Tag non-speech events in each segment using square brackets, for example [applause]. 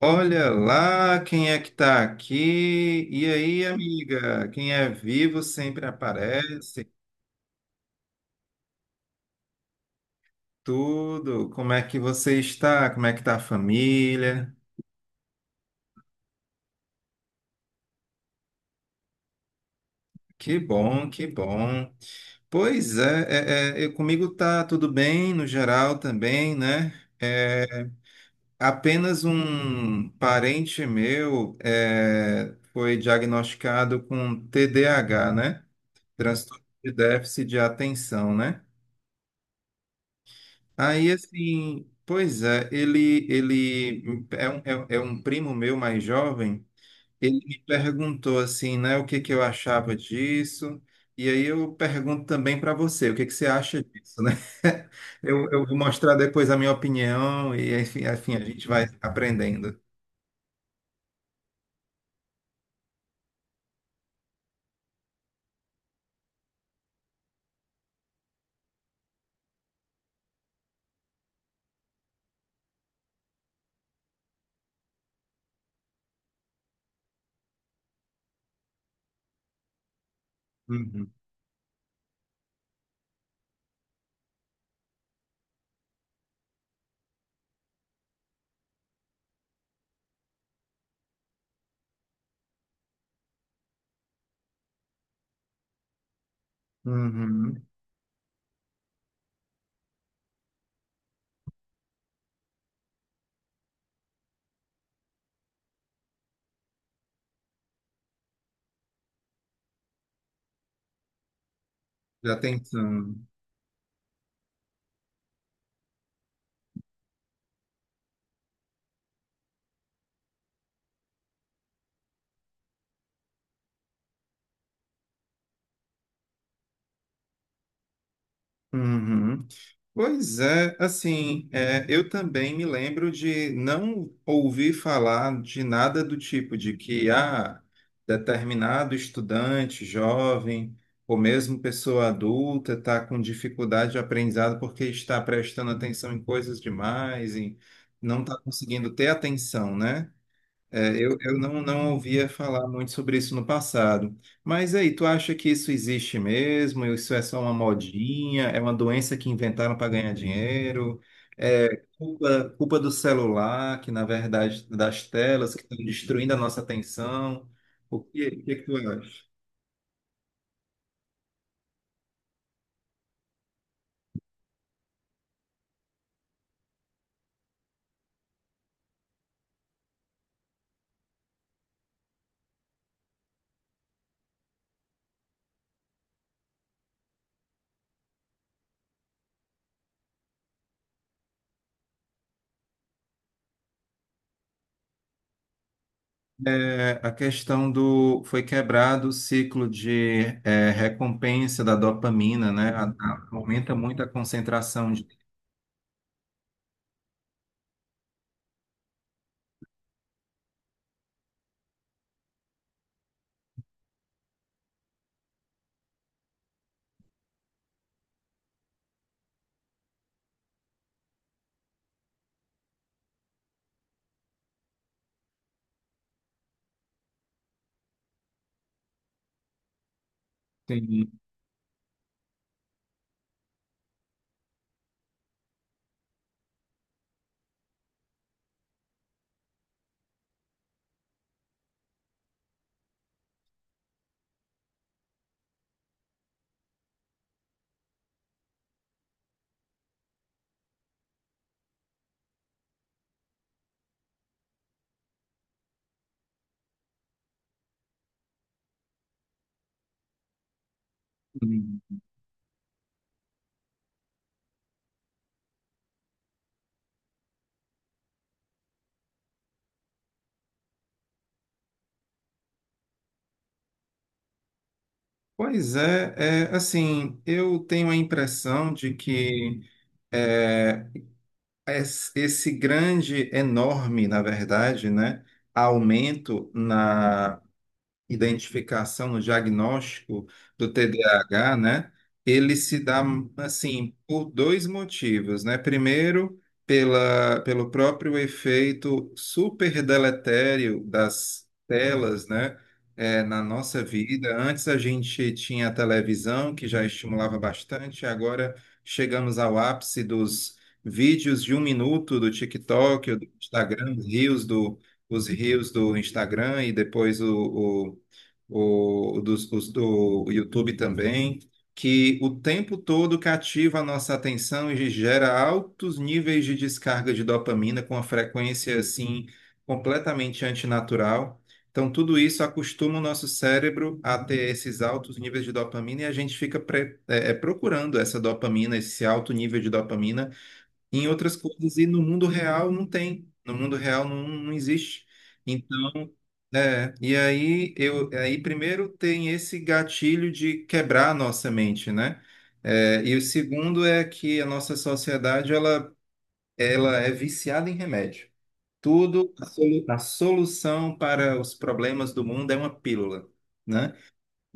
Olha lá quem é que tá aqui. E aí, amiga? Quem é vivo sempre aparece. Tudo. Como é que você está? Como é que tá a família? Que bom, que bom. Pois é, comigo tá tudo bem, no geral também, né? É, Apenas um parente meu foi diagnosticado com TDAH, né? Transtorno de déficit de atenção, né? Aí assim, pois é, ele é um, é um primo meu mais jovem, ele me perguntou assim, né, o que que eu achava disso, e aí eu pergunto também para você, o que que você acha disso, né? [laughs] Eu vou mostrar depois a minha opinião e enfim, enfim, a gente vai aprendendo. Uhum. Uhum. Já tem. Uhum. Pois é, assim, eu também me lembro de não ouvir falar de nada do tipo de que ah, determinado estudante jovem ou mesmo pessoa adulta está com dificuldade de aprendizado porque está prestando atenção em coisas demais e não está conseguindo ter atenção, né? Eu não ouvia falar muito sobre isso no passado. Mas aí, tu acha que isso existe mesmo? Isso é só uma modinha? É uma doença que inventaram para ganhar dinheiro? É culpa do celular, que na verdade, das telas, que estão destruindo a nossa atenção? O que é que tu acha? É, a questão do... foi quebrado o ciclo de recompensa da dopamina, né? Aumenta muito a concentração de... Sim. Pois é, assim, eu tenho a impressão de que é, esse grande, enorme, na verdade, né, aumento identificação, no diagnóstico do TDAH, né? Ele se dá assim por dois motivos, né? Primeiro, pelo próprio efeito super deletério das telas, né? Na nossa vida. Antes a gente tinha a televisão, que já estimulava bastante, agora chegamos ao ápice dos vídeos de um minuto do TikTok, do Instagram, os reels do Instagram e depois os do YouTube também, que o tempo todo cativa a nossa atenção e gera altos níveis de descarga de dopamina com uma frequência assim completamente antinatural. Então, tudo isso acostuma o nosso cérebro a ter esses altos níveis de dopamina e a gente fica procurando essa dopamina, esse alto nível de dopamina em outras coisas e no mundo real não tem. No mundo real não existe. Então, e aí primeiro tem esse gatilho de quebrar a nossa mente, né? E o segundo é que a nossa sociedade ela, ela é viciada em remédio. Tudo, a solução para os problemas do mundo é uma pílula, né?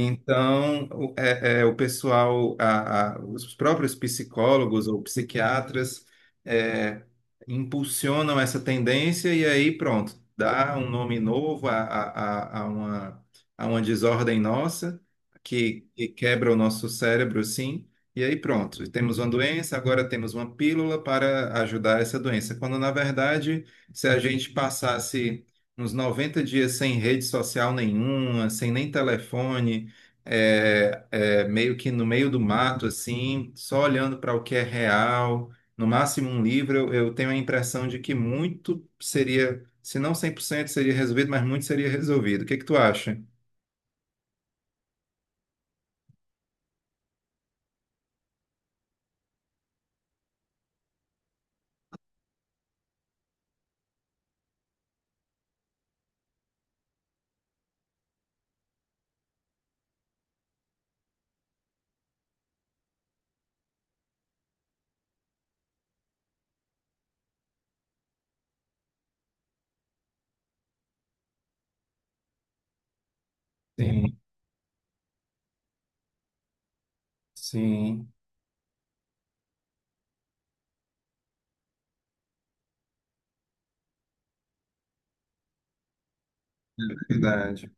Então, o pessoal, os próprios psicólogos ou psiquiatras é, impulsionam essa tendência e aí pronto, dá um nome novo a- a uma, a uma desordem nossa que quebra o nosso cérebro, sim. E aí pronto, temos uma doença, agora temos uma pílula para ajudar essa doença. Quando, na verdade, se a gente passasse uns 90 dias sem rede social nenhuma, sem nem telefone, meio que no meio do mato, assim, só olhando para o que é real. No máximo um livro, eu tenho a impressão de que muito seria, se não 100% seria resolvido, mas muito seria resolvido. O que que tu acha? Sim, sim. Verdade.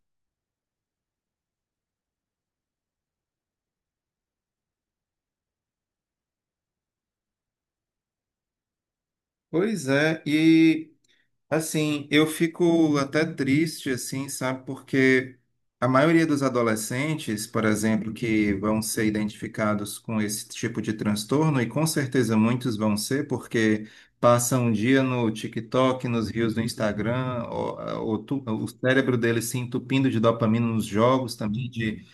Pois é, e assim, eu fico até triste, assim, sabe? Porque a maioria dos adolescentes, por exemplo, que vão ser identificados com esse tipo de transtorno, e com certeza muitos vão ser, porque passam um dia no TikTok, nos reels do Instagram, o cérebro deles se entupindo de dopamina nos jogos também,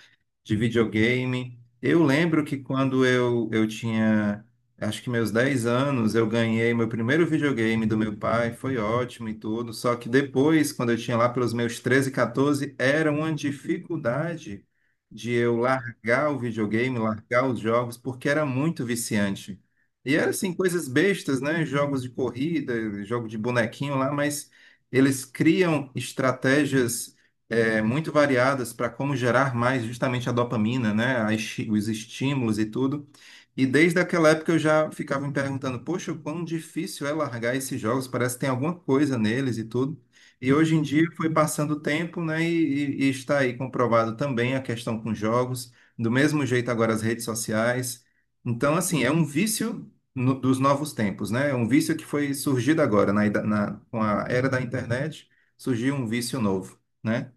de videogame. Eu lembro que quando eu tinha, acho que meus 10 anos, eu ganhei meu primeiro videogame do meu pai, foi ótimo e tudo. Só que depois, quando eu tinha lá pelos meus 13, 14, era uma dificuldade de eu largar o videogame, largar os jogos, porque era muito viciante. E era assim, coisas bestas, né? Jogos de corrida, jogo de bonequinho lá, mas eles criam estratégias muito variadas para como gerar mais justamente a dopamina, né? Os estímulos e tudo. E desde aquela época eu já ficava me perguntando, poxa, o quão difícil é largar esses jogos, parece que tem alguma coisa neles e tudo. E hoje em dia foi passando o tempo, né? E está aí comprovado também a questão com jogos, do mesmo jeito agora as redes sociais. Então, assim, é um vício no- dos novos tempos, né? É um vício que foi surgido agora, com a era da internet, surgiu um vício novo. Né?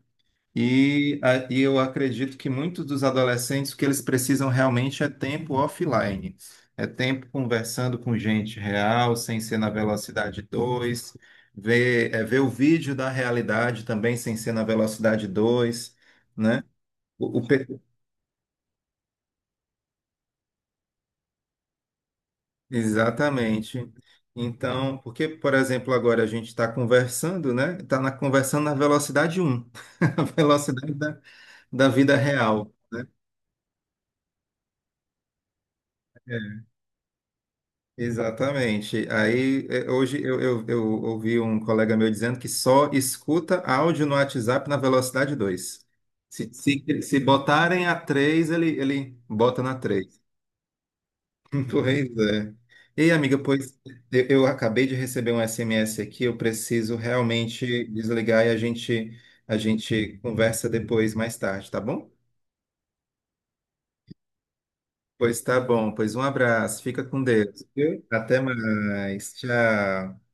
E eu acredito que muitos dos adolescentes, o que eles precisam realmente é tempo offline. É tempo conversando com gente real, sem ser na velocidade 2, ver o vídeo da realidade também sem ser na velocidade 2, né? O, o pe- exatamente. Então, porque, por exemplo, agora a gente está conversando, né? Conversando na velocidade um, [laughs] a velocidade da, da vida real. Exatamente. Aí, eu ouvi um colega meu dizendo que só escuta áudio no WhatsApp na velocidade 2. Se botarem a 3, ele bota na 3. [laughs] Pois é. Ei, amiga, pois eu acabei de receber um SMS aqui, eu preciso realmente desligar e a gente conversa depois, mais tarde, tá bom? Pois tá bom, pois um abraço, fica com Deus, viu? Até mais, tchau.